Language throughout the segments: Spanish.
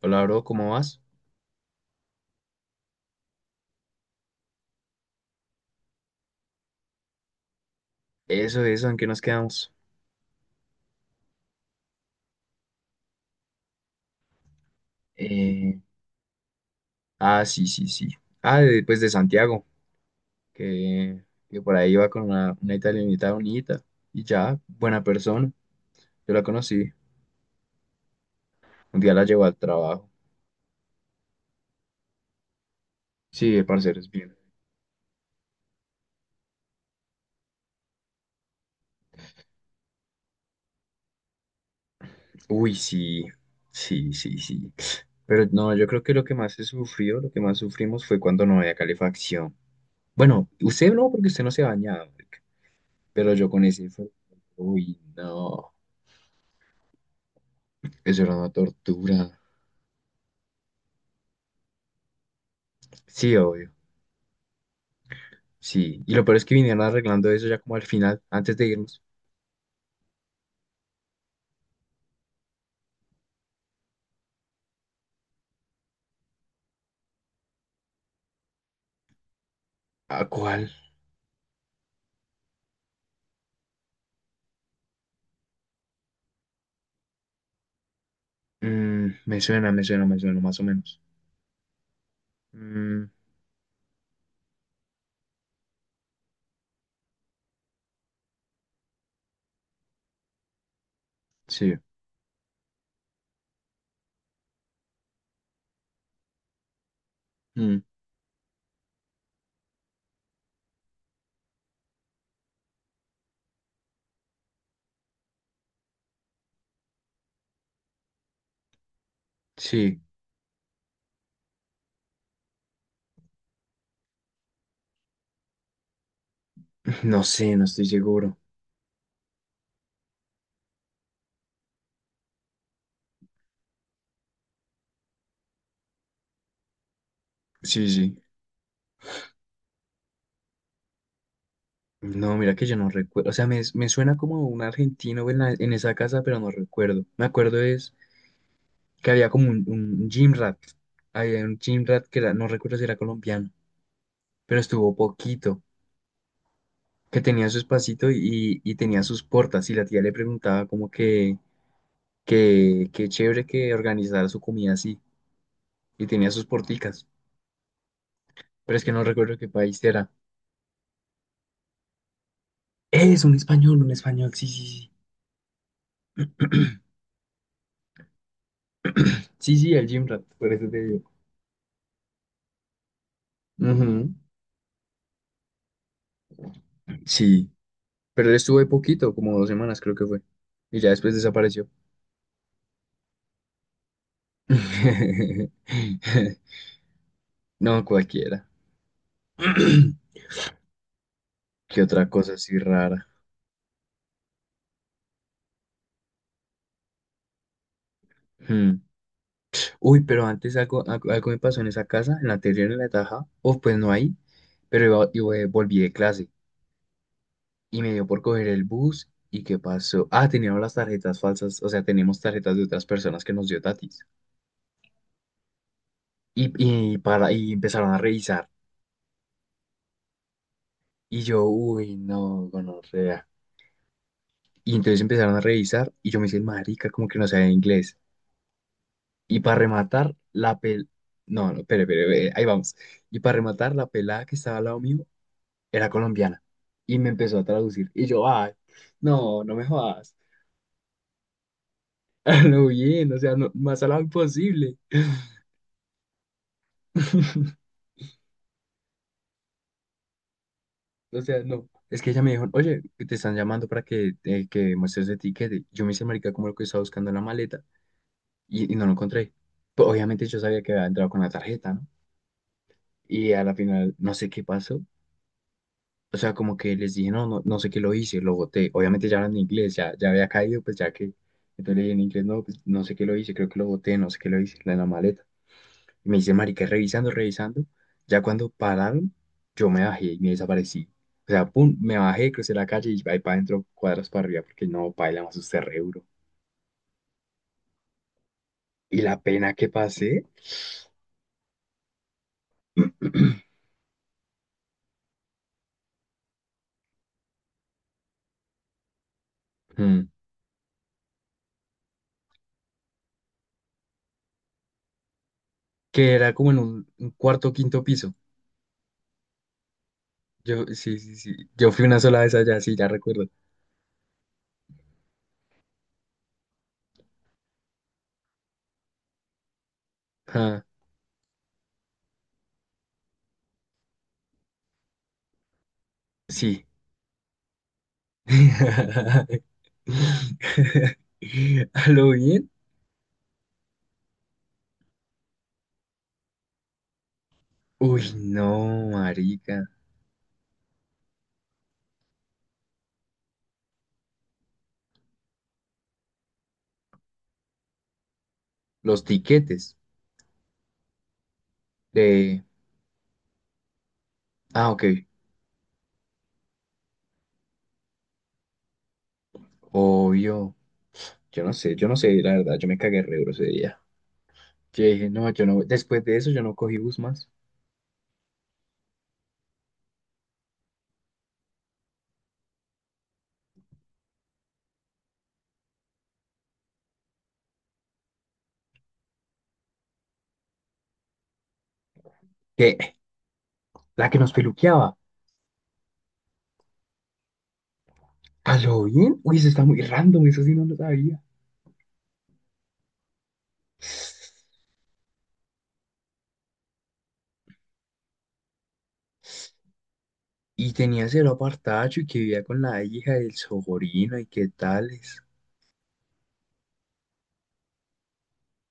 Hola, bro, ¿cómo vas? Eso, ¿en qué nos quedamos? Eh, sí, sí, sí. Ah, pues de Santiago, que, que por ahí iba con una italianita bonita y ya, buena persona. Yo la conocí, un día la llevó al trabajo. Sí, parcero, es bien. Uy, sí, sí, sí, sí. Pero no, yo creo que lo que más se sufrió, lo que más sufrimos fue cuando no había calefacción. Bueno, usted no, porque usted no se bañaba, marica. Pero yo con ese fue, uy, no, eso era una tortura. Sí, obvio. Sí. Y lo peor es que vinieron arreglando eso ya como al final, antes de irnos. ¿A cuál? Mm, me suena, me suena, me suena, más o menos. Mm, sí. Mm, sí. No sé, no estoy seguro. Sí, sí. No, mira que yo no recuerdo. O sea, me suena como un argentino en, en esa casa, pero no recuerdo. Me acuerdo es que había como un gym rat. Había un gym rat que no recuerdo si era colombiano, pero estuvo poquito. Que tenía su espacito y tenía sus portas. Y la tía le preguntaba como que. Que qué chévere que organizara su comida así. Y tenía sus porticas. Pero es que no recuerdo qué país era. Es un español, sí, sí, sí. Sí, sí, el Gym Rat, por eso te digo. Ujú. Sí, pero él estuvo ahí poquito, como 2 semanas creo que fue. Y ya después desapareció. No, cualquiera. ¿Qué otra cosa así rara? Hmm. Uy, pero antes algo me pasó en esa casa, en la anterior, en la de Taja. O pues no ahí, pero volví de clase. Y me dio por coger el bus. ¿Y qué pasó? Ah, teníamos las tarjetas falsas, o sea, teníamos tarjetas de otras personas que nos dio Tatis. Y, para, y empezaron a revisar. Y yo, uy, no, gonorrea. Y entonces empezaron a revisar y yo me hice el marica, como que no sabía inglés. Y para rematar, la No, no, espere, ahí vamos. Y para rematar, la pelada que estaba al lado mío era colombiana. Y me empezó a traducir. Y yo, ay, no, no me jodas. Lo bien, o sea, no, más al lado imposible. O sea, no. Es que ella me dijo, oye, te están llamando para que muestres el tiquete. Yo me hice marica como lo que estaba buscando en la maleta y no lo encontré. Pues, obviamente yo sabía que había entrado con la tarjeta, ¿no? Y a la final no sé qué pasó. O sea, como que les dije, no sé qué lo hice, lo boté. Obviamente ya hablan en inglés, ya había caído, pues ya que... Entonces le dije en inglés, no, pues, no sé qué lo hice, creo que lo boté, no sé qué lo hice, en la maleta. Y me dice, marica, revisando, revisando. Ya cuando pararon, yo me bajé y me desaparecí. O sea, pum, me bajé, crucé la calle y ahí para adentro, cuadras para arriba, porque no, paila más su cerebro. Y la pena que pasé, mm, que era como en un cuarto o quinto piso. Yo, sí, sí, sí. Yo fui una sola vez allá, sí, ya recuerdo. Ah, sí. ¿A lo bien? Uy, no, marica. Los tiquetes de... Ah, ok. Obvio, yo no sé, la verdad, yo me cagué re duro ese día. Yo dije, no, yo no, después de eso yo no cogí bus más. ¿Qué? La que nos peluqueaba. ¿Bien? Uy, eso está muy random, eso sí no lo sabía. Y tenía cero apartacho y que vivía con la hija del Sogorino y qué tales.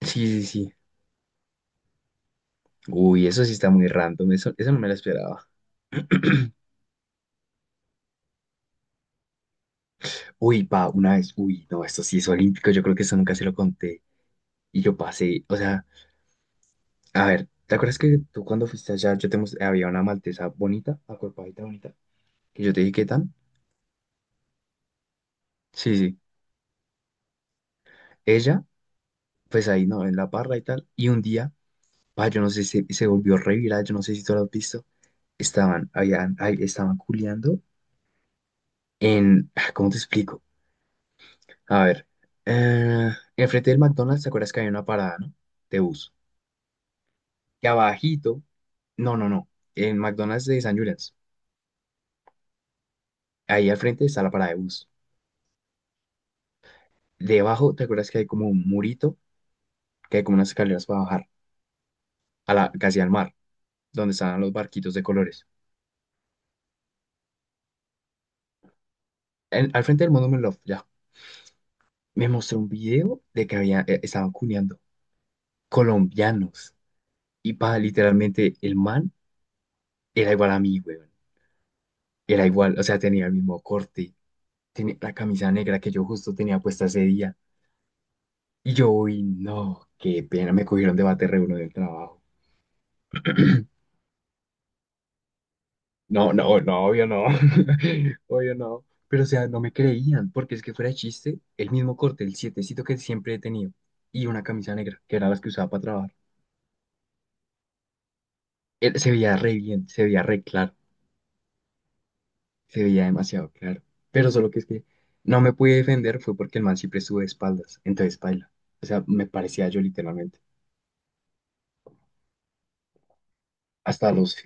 Sí, sí, sí. Uy, eso sí está muy random, eso no me lo esperaba. Uy, pa, una vez, uy, no, esto sí es olímpico, yo creo que eso nunca se lo conté. Y yo pasé, o sea, a ver, ¿te acuerdas que tú cuando fuiste allá, yo te mostré, había una maltesa bonita, acuerpadita bonita, que yo te dije qué tan? Sí, sí. Ella, pues ahí, ¿no? En la parra y tal. Y un día, pa, yo no sé si se volvió re viral, yo no sé si tú lo has visto. Estaban, habían, ahí estaban culeando en, ah, ¿cómo te explico? A ver, eh, enfrente del McDonald's, ¿te acuerdas que había una parada, ¿no? De bus. Y abajito, no, no, no, en McDonald's de San Julián, ahí al frente está la parada de bus. Debajo, ¿te acuerdas que hay como un murito? Que hay como unas escaleras para bajar a la, casi al mar, donde estaban los barquitos de colores. Al frente del Monument Love, ya. Me mostró un video de que había, estaban cuneando colombianos. Y pa, literalmente, el man era igual a mí, weón. Era igual, o sea, tenía el mismo corte, tenía la camisa negra que yo justo tenía puesta ese día. Y yo, uy, no, qué pena, me cogieron de bate re uno del trabajo. No, no, no, obvio no, obvio no. Pero, o sea, no me creían, porque es que fuera de chiste, el mismo corte, el sietecito que siempre he tenido, y una camisa negra, que era las que usaba para trabajar. Él se veía re bien, se veía re claro, se veía demasiado claro. Pero solo que es que no me pude defender fue porque el man siempre estuvo de espaldas, entonces baila. O sea, me parecía yo literalmente. Hasta los,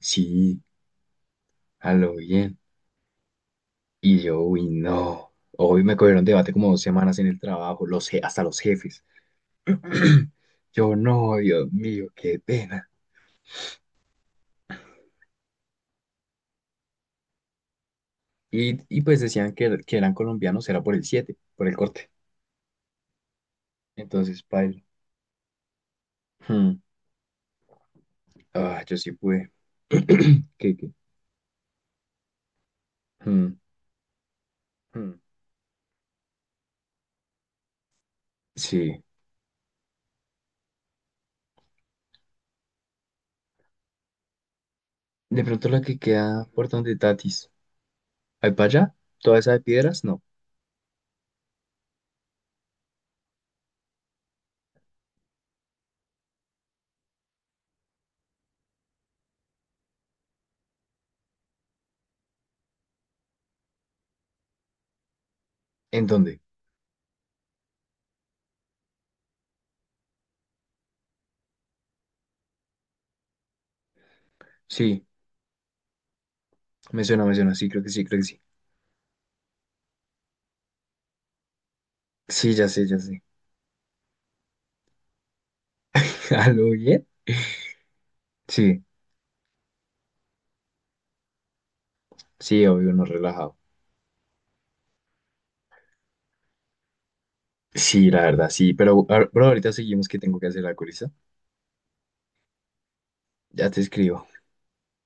sí, a lo bien. Y yo, uy, no. Hoy me cogieron debate como 2 semanas en el trabajo, los, hasta los jefes. Yo no, Dios mío, qué pena. Pues decían que, que eran colombianos, era por el 7 por el corte. Entonces, paila. Hmm. Ah, yo sí pude. ¿Qué, qué? Hmm, hmm. Sí. De pronto la que queda por donde Tatis. ¿Ahí para allá? ¿Toda esa de piedras? No. ¿En dónde? Sí, me suena, me suena. Sí, creo que sí, creo que sí. Sí, ya sé, ya sé. ¿A lo bien? Sí, sí, obvio, no relajado. Sí, la verdad, sí. Pero, pero ahorita seguimos que tengo que hacer la colista. Ya te escribo.